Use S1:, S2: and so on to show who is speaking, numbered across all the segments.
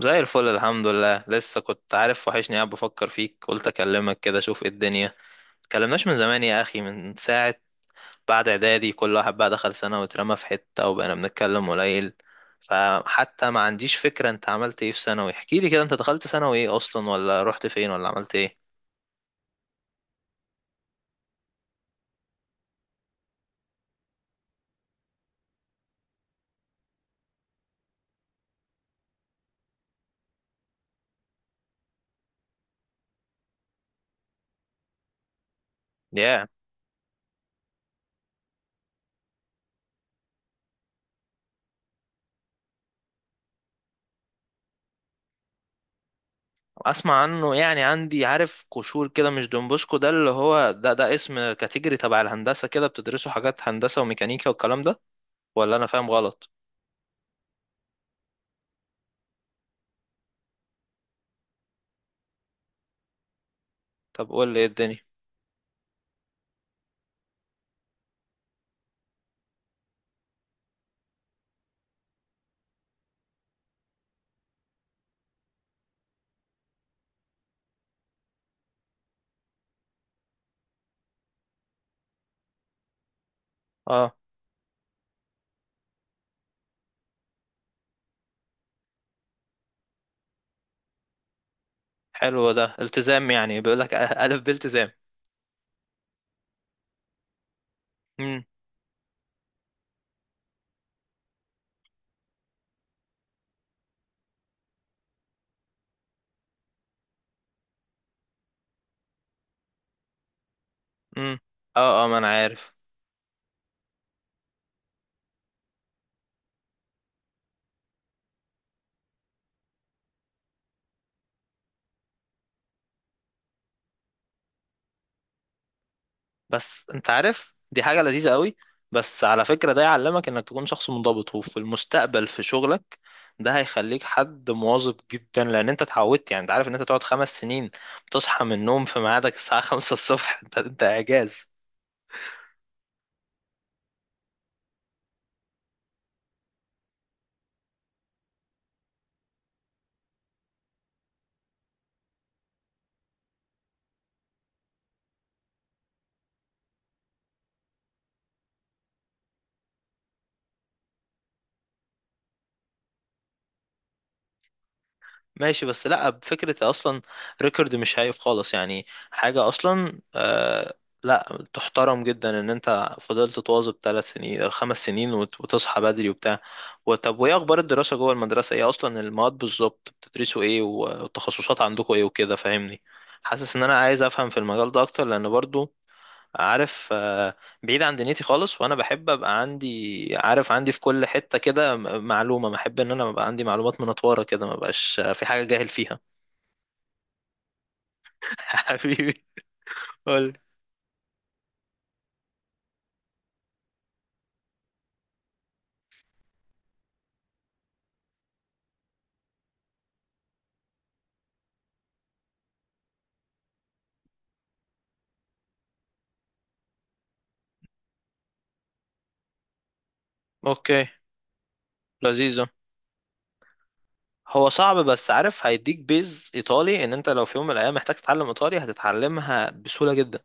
S1: زي الفل، الحمد لله. لسه كنت عارف وحشني، قاعد بفكر فيك، قلت اكلمك كده اشوف ايه الدنيا. متكلمناش من زمان يا اخي، من ساعة بعد اعدادي كل واحد بقى دخل سنة واترمى في حتة وبقينا بنتكلم قليل. فحتى ما عنديش فكرة انت عملت ايه في ثانوي. احكي لي كده، انت دخلت ثانوي ايه اصلا، ولا رحت فين، ولا عملت ايه؟ يا. اسمع عنه يعني، عندي عارف قشور كده. مش دونبوسكو ده اللي هو ده اسم كاتيجوري تبع الهندسة، كده بتدرسوا حاجات هندسة وميكانيكا والكلام ده؟ ولا انا فاهم غلط؟ طب قول لي ايه الدنيا. حلو، ده التزام يعني، بيقول لك ألف بالتزام. امم. امم. اه، اه، ما انا عارف. بس انت عارف دي حاجة لذيذة قوي. بس على فكرة ده يعلمك انك تكون شخص منضبط، وفي المستقبل في شغلك ده هيخليك حد مواظب جدا، لان انت اتعودت. يعني انت عارف ان انت تقعد خمس سنين بتصحى من النوم في ميعادك الساعة خمسة الصبح. انت اعجاز. ماشي، بس لا بفكرة اصلا، ريكورد مش هايف خالص، يعني حاجة اصلا. آه، لا، تحترم جدا ان انت فضلت تواظب ثلاث سنين أو خمس سنين وتصحى بدري وبتاع. وطب، وايه اخبار الدراسة جوه المدرسة؟ ايه اصلا المواد بالظبط بتدرسوا ايه، والتخصصات عندكم ايه وكده؟ فاهمني، حاسس ان انا عايز افهم في المجال ده اكتر، لان برضو عارف، بعيد عن دنيتي خالص. وانا بحب ابقى عندي، عارف، عندي في كل حتة كده معلومة، ما احب ان انا ابقى عندي معلومات منطورة كده، ما بقاش في حاجة جاهل فيها. حبيبي. قول. اوكي. لذيذة. هو صعب، بس عارف، هيديك بيز ايطالي ان انت لو في يوم من الايام محتاج تتعلم ايطالي هتتعلمها بسهولة جدا.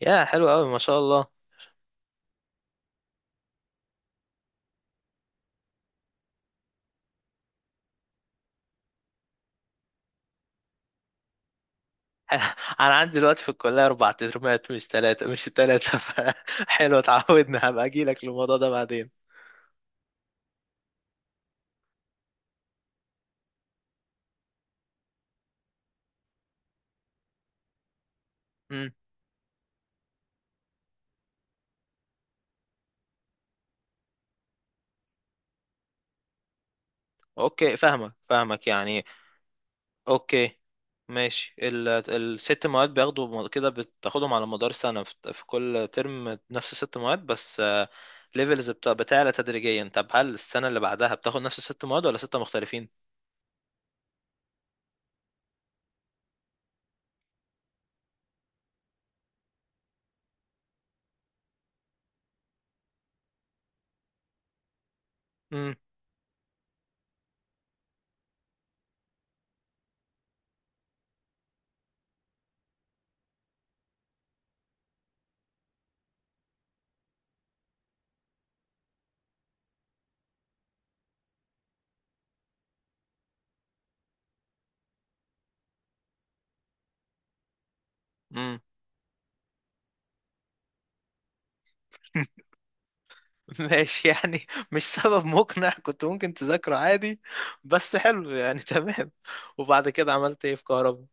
S1: يا حلو قوي، ما شاء الله. انا عندي دلوقتي في الكليه اربع ترمات، مش ثلاثه مش ثلاثه. حلو، اتعودنا. هبقى اجي لك للموضوع ده بعدين. اوكي، فاهمك فاهمك يعني. اوكي ماشي، الست مواد بياخدوا كده، بتاخدهم على مدار سنة، في كل ترم نفس الست مواد، بس ليفلز بتعلى تدريجيا. طب هل السنة اللي بعدها بتاخد نفس الست مواد ولا ستة مختلفين؟ امم. امم. ماشي يعني. مش سبب مقنع، كنت ممكن تذاكره عادي. بس حلو يعني تمام. وبعد كده عملت ايه في كهرباء؟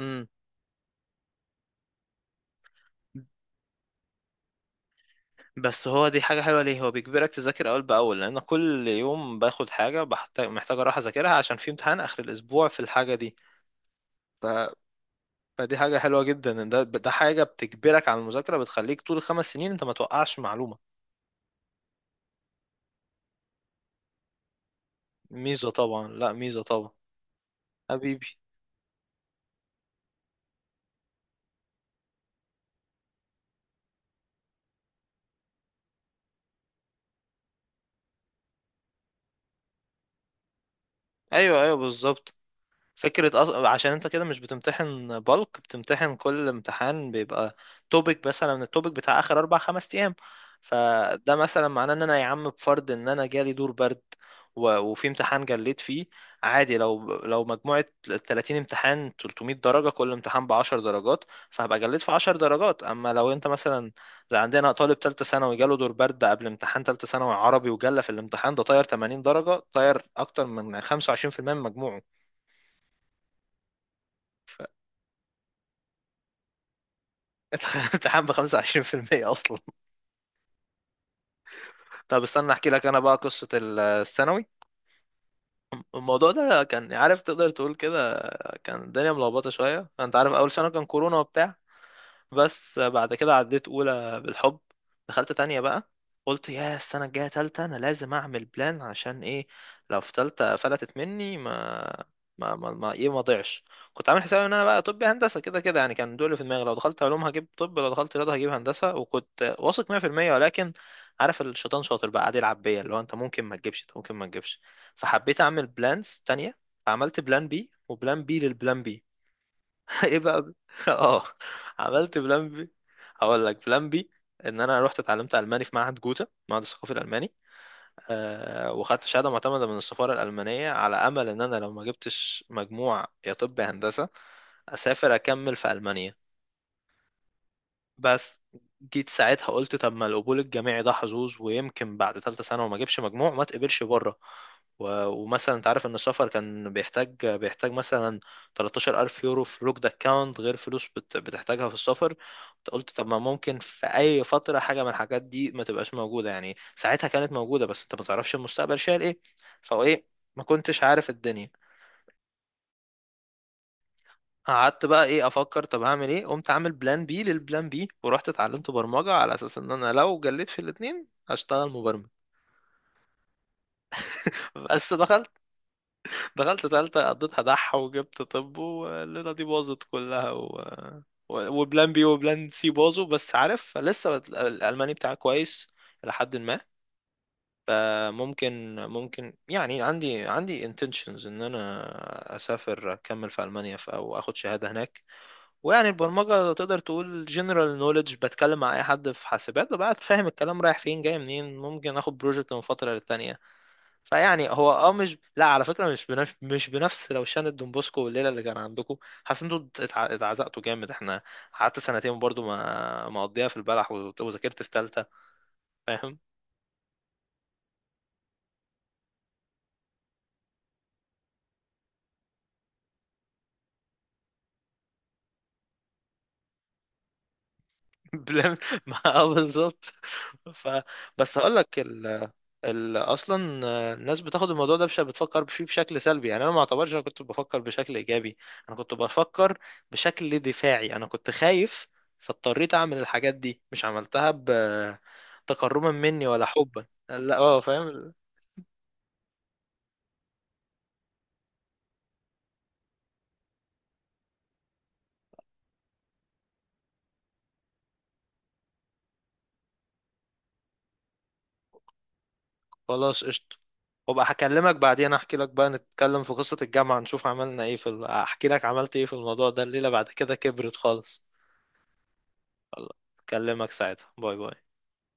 S1: امم. بس هو دي حاجة حلوة، ليه؟ هو بيجبرك تذاكر أول بأول، لأن كل يوم باخد حاجة بحتاج محتاج أروح أذاكرها عشان في امتحان آخر الأسبوع في الحاجة دي. ف... فدي حاجة حلوة جدا، إن ده حاجة بتجبرك على المذاكرة، بتخليك طول الخمس سنين أنت ما توقعش معلومة. ميزة طبعا، لا ميزة طبعا. حبيبي. أيوه، أيوه، بالظبط. عشان انت كده مش بتمتحن بالك، بتمتحن كل امتحان بيبقى توبيك مثلا من التوبيك بتاع اخر اربع خمس ايام. فده مثلا معناه ان انا، يا عم، بفرض ان انا جالي دور برد وفي امتحان جليت فيه، عادي. لو مجموعة 30 امتحان 300 درجة كل امتحان ب 10 درجات، فهبقى جليت في 10 درجات. اما لو انت مثلا، زي عندنا طالب تالتة ثانوي جاله دور برد قبل امتحان تالتة ثانوي عربي وجلى في الامتحان ده، طاير 80 درجة، طاير اكتر من 25% من مجموعه. امتحان ب 25% اصلا! طب استنى احكي لك انا بقى قصه الثانوي. الموضوع ده كان، عارف، تقدر تقول كده، كان الدنيا ملخبطه شويه. انت عارف اول سنه كان كورونا وبتاع. بس بعد كده عديت اولى بالحب. دخلت تانية بقى، قلت يا السنة الجاية تالتة انا لازم اعمل بلان. عشان ايه؟ لو في تالتة فلتت مني، ما ما ايه، ما ضيعش. كنت عامل حسابي ان انا بقى طب هندسة، كده كده يعني، كان دول في دماغي. لو دخلت علوم هجيب طب، لو دخلت رياضة هجيب هندسة، وكنت واثق 100%. ولكن عارف، الشيطان شاطر بقى، قاعد يلعب بيا، اللي هو انت ممكن ما تجيبش، انت ممكن ما تجيبش. فحبيت اعمل بلانز تانية، فعملت بلان بي، وبلان بي للبلان بي. ايه بقى اه. عملت بلان بي. هقول لك بلان بي: ان انا رحت اتعلمت الماني في معهد جوتا، معهد الثقافي الالماني. أه، وخدت شهاده معتمده من السفاره الالمانيه، على امل ان انا لو ما جبتش مجموع يا طب يا هندسه، اسافر اكمل في المانيا. بس جيت ساعتها قلت طب، ما القبول الجامعي ده حظوظ، ويمكن بعد ثالثه ثانوي وما اجيبش مجموع ما تقبلش بره. ومثلا انت عارف ان السفر كان بيحتاج مثلا 13,000 يورو في لوكد اكاونت، غير فلوس بتحتاجها في السفر. قلت طب ما ممكن في اي فتره حاجه من الحاجات دي ما تبقاش موجوده، يعني ساعتها كانت موجوده بس انت ما تعرفش المستقبل شايل ايه. فايه، ما كنتش عارف الدنيا. قعدت بقى ايه، افكر طب هعمل ايه، قمت عامل بلان بي للبلان بي، ورحت اتعلمت برمجة على اساس ان انا لو جليت في الاتنين هشتغل مبرمج. بس دخلت تالتة، قضيتها دح وجبت طب، والليلة دي باظت كلها وبلان بي وبلان سي باظوا. بس عارف لسه الالماني بتاعي كويس الى حد ما. فممكن يعني، عندي intentions ان انا اسافر اكمل في المانيا، او اخد شهادة هناك. ويعني البرمجة تقدر تقول جنرال نوليدج، بتكلم مع أي حد في حاسبات ببقى فاهم الكلام رايح فين جاي منين، ممكن آخد بروجكت من فترة للتانية. فيعني هو مش، لا على فكرة، مش بنفس روشان الدون بوسكو والليلة اللي كان عندكم. حاسس انتوا اتعزقتوا جامد. احنا قعدت سنتين برضو ما مقضيها في البلح، وذاكرت في تالتة. فاهم. بلم. ما بالظبط. ف بس هقول لك، اصلا الناس بتاخد الموضوع ده بتفكر فيه بشكل سلبي. يعني انا ما اعتبرش، انا كنت بفكر بشكل ايجابي، انا كنت بفكر بشكل دفاعي، انا كنت خايف، فاضطريت اعمل الحاجات دي. مش عملتها بتكرما مني ولا حبا، لا، فاهم. خلاص قشطه. وابقى هكلمك بعدين، احكي لك بقى، نتكلم في قصة الجامعة، نشوف عملنا ايه في احكي لك عملت ايه في الموضوع ده الليلة بعد كده، كبرت خالص. يلا، اكلمك ساعتها. باي باي.